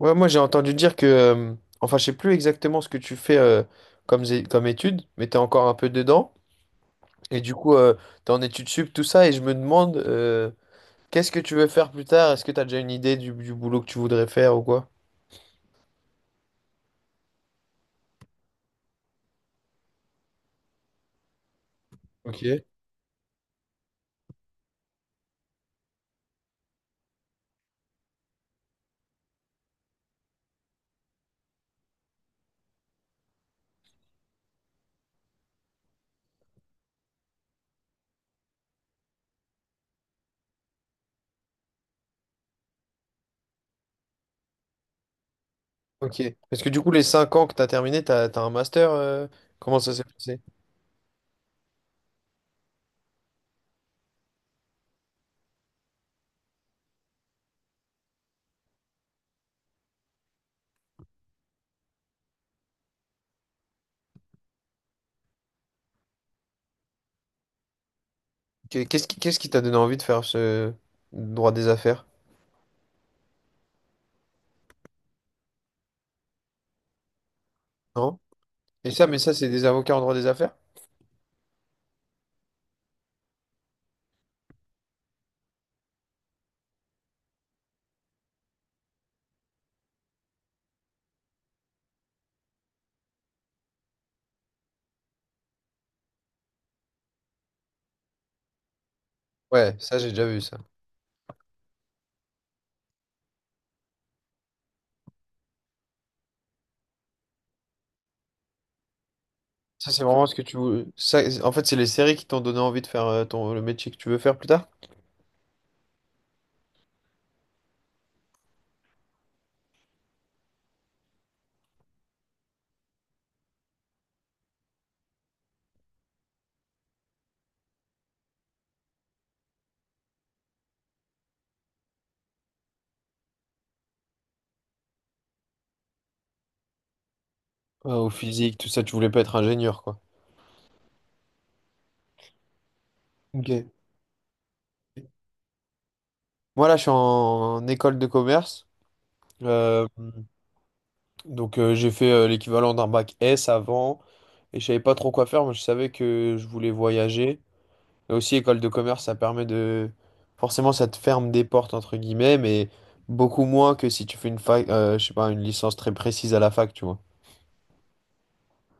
Ouais, moi j'ai entendu dire que, enfin je sais plus exactement ce que tu fais comme, comme étude, mais t'es encore un peu dedans, et du coup t'es en études sup, tout ça, et je me demande qu'est-ce que tu veux faire plus tard? Est-ce que t'as déjà une idée du boulot que tu voudrais faire ou quoi? Ok. Ok. Parce que du coup les 5 ans que t'as terminé, t'as un master, comment ça s'est passé? Qu'est-ce qui t'a donné envie de faire ce droit des affaires? Non? Et ça, mais ça c'est des avocats en droit des affaires? Ouais, ça j'ai déjà vu ça. Ça, c'est vraiment ce que tu veux. Ça, en fait, c'est les séries qui t'ont donné envie de faire ton, le métier que tu veux faire plus tard? Au physique, tout ça, tu voulais pas être ingénieur, quoi. Ok. Moi, là, je suis en, école de commerce. Euh, donc, j'ai fait l'équivalent d'un bac S avant. Et je savais pas trop quoi faire, mais je savais que je voulais voyager. Et aussi, école de commerce, ça permet de… Forcément, ça te ferme des portes, entre guillemets, mais beaucoup moins que si tu fais une fac, je sais pas, une licence très précise à la fac, tu vois.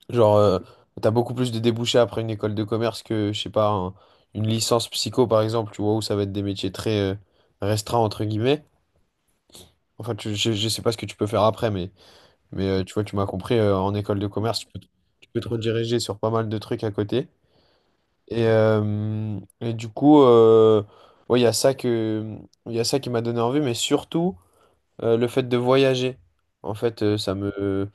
Genre, t'as beaucoup plus de débouchés après une école de commerce que, je sais pas, une licence psycho, par exemple, tu vois, où ça va être des métiers très restreints, entre guillemets. Enfin, je sais pas ce que tu peux faire après, mais tu vois, tu m'as compris, en école de commerce, tu peux te rediriger sur pas mal de trucs à côté. Et du coup, ouais, il y a ça qui m'a donné envie, mais surtout, le fait de voyager. En fait, ça me…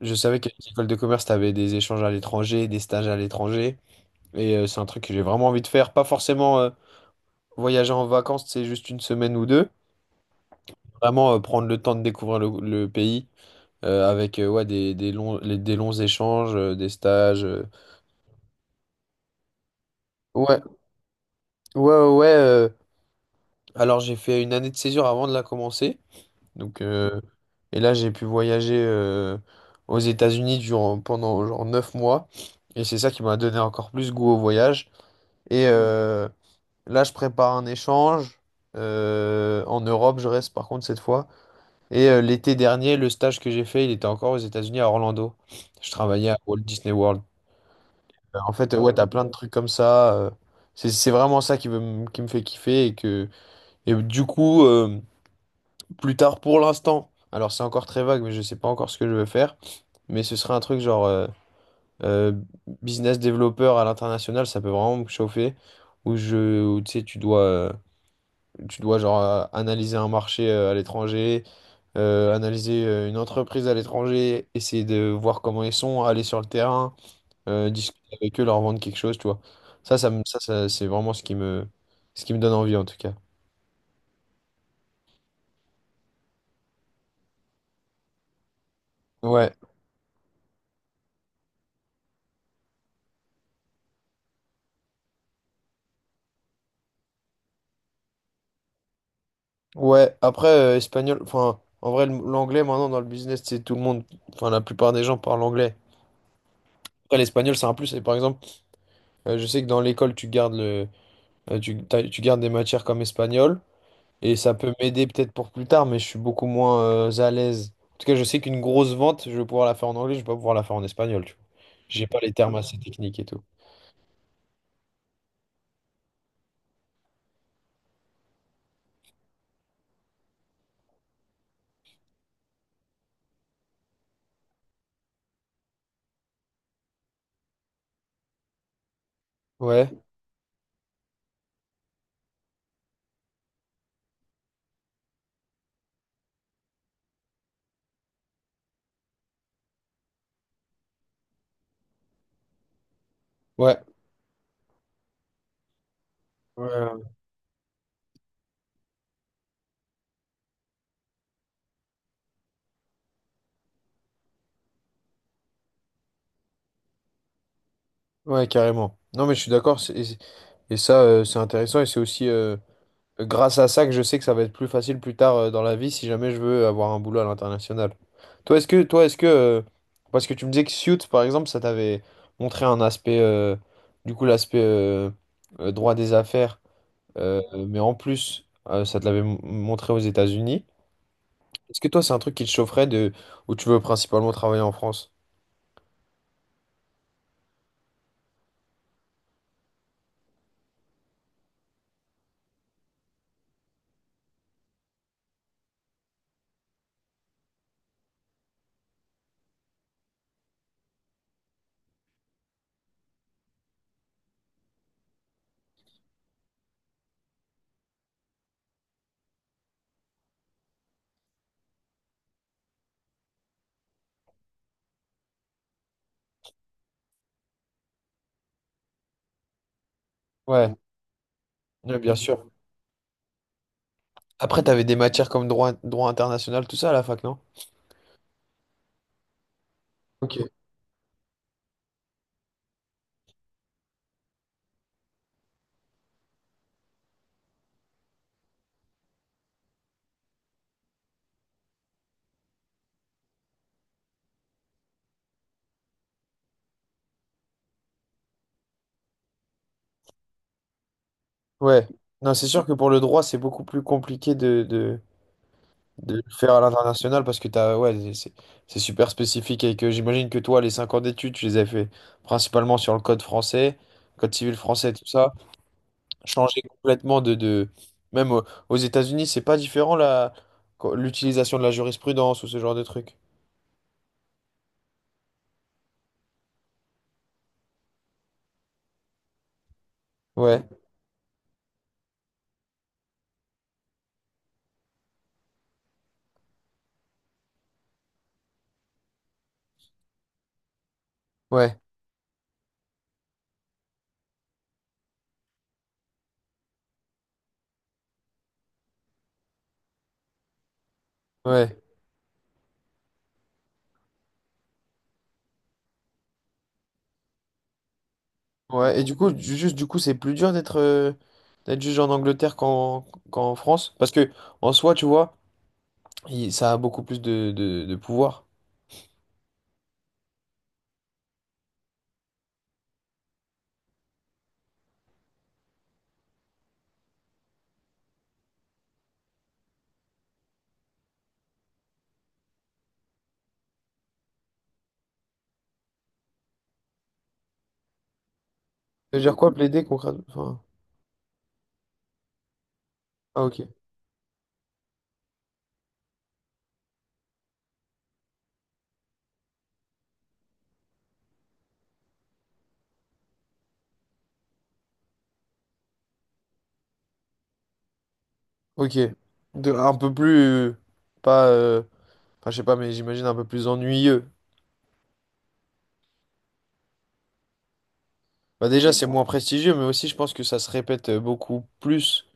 Je savais qu'à l'école de commerce, t'avais des échanges à l'étranger, des stages à l'étranger. Et c'est un truc que j'ai vraiment envie de faire. Pas forcément voyager en vacances, c'est juste une semaine ou deux. Vraiment prendre le temps de découvrir le pays avec ouais, des longs, des longs échanges, des stages. Ouais, ouais, ouais. ouais, euh, Alors j'ai fait une année de césure avant de la commencer. Donc, et là, j'ai pu voyager aux États-Unis durant, pendant genre 9 mois. Et c'est ça qui m'a donné encore plus goût au voyage. Et, euh, Là, je prépare un échange. En Europe, je reste par contre cette fois. Et l'été dernier, le stage que j'ai fait, il était encore aux États-Unis à Orlando. Je travaillais à Walt Disney World. Ouais, t'as plein de trucs comme ça. C'est vraiment ça qui qui me fait kiffer. Et du coup, plus tard pour l'instant, alors c'est encore très vague, mais je sais pas encore ce que je veux faire. Mais ce serait un truc genre euh, business développeur à l'international, ça peut vraiment me chauffer. Où, tu sais, Tu dois genre analyser un marché à l'étranger, analyser une entreprise à l'étranger, essayer de voir comment ils sont, aller sur le terrain, discuter avec eux, leur vendre quelque chose, tu vois. Ça, ça, c'est vraiment ce qui me donne envie en tout cas. Ouais, ouais. Après, espagnol, enfin, en vrai, l'anglais maintenant dans le business, c'est tout le monde, enfin, la plupart des gens parlent anglais. Après, l'espagnol, c'est un plus. Et par exemple, je sais que dans l'école, tu gardes le, tu, t'as- tu gardes des matières comme espagnol. Et ça peut m'aider peut-être pour plus tard, mais je suis beaucoup moins à l'aise. En tout cas, je sais qu'une grosse vente, je vais pouvoir la faire en anglais, je vais pas pouvoir la faire en espagnol, tu vois. J'ai pas les termes assez techniques et tout. Ouais, ouais, ouais, ouais, carrément. Non, mais je suis d'accord, et ça, c'est intéressant, et c'est aussi grâce à ça que je sais que ça va être plus facile plus tard dans la vie si jamais je veux avoir un boulot à l'international. Toi, est-ce que, parce que tu me disais que Suits, par exemple, ça t'avait montré un aspect, du coup, l'aspect droit des affaires. Euh, mais en plus, ça te l'avait montré aux États-Unis. Est-ce que toi, c'est un truc qui te chaufferait de où tu veux principalement travailler en France? Ouais, ouais, bien sûr. Après, t'avais des matières comme droit, droit international, tout ça à la fac, non? Ok. Ouais. Non, c'est sûr que pour le droit, c'est beaucoup plus compliqué de le faire à l'international parce que t'as, ouais, c'est super spécifique et que j'imagine que toi, les 5 ans d'études, tu les as fait principalement sur le code français, code civil français, tout ça. Changer complètement de... Même aux États-Unis, c'est pas différent la… l'utilisation de la jurisprudence ou ce genre de truc. Ouais, ouais, ouais, ouais. Et du coup, juste du coup, c'est plus dur d'être d'être juge en Angleterre qu'en France. Parce que en soi, tu vois, ça a beaucoup plus de pouvoir. Ça veut dire quoi plaider concrètement? Enfin, ah ok, ok. De, un peu plus pas enfin je sais pas mais j'imagine un peu plus ennuyeux. Bah déjà c'est moins prestigieux mais aussi je pense que ça se répète beaucoup plus.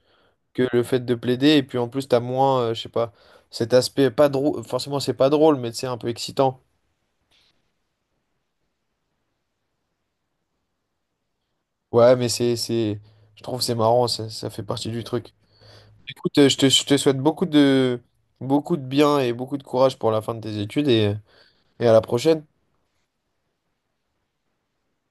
Que le fait de plaider. Et puis en plus, t'as moins, je sais pas, cet aspect pas drôle. Forcément, c'est pas drôle, mais c'est un peu excitant. Ouais, je trouve que c'est marrant, ça fait partie du truc. Écoute, je te souhaite beaucoup de bien et beaucoup de courage pour la fin de tes études et à la prochaine.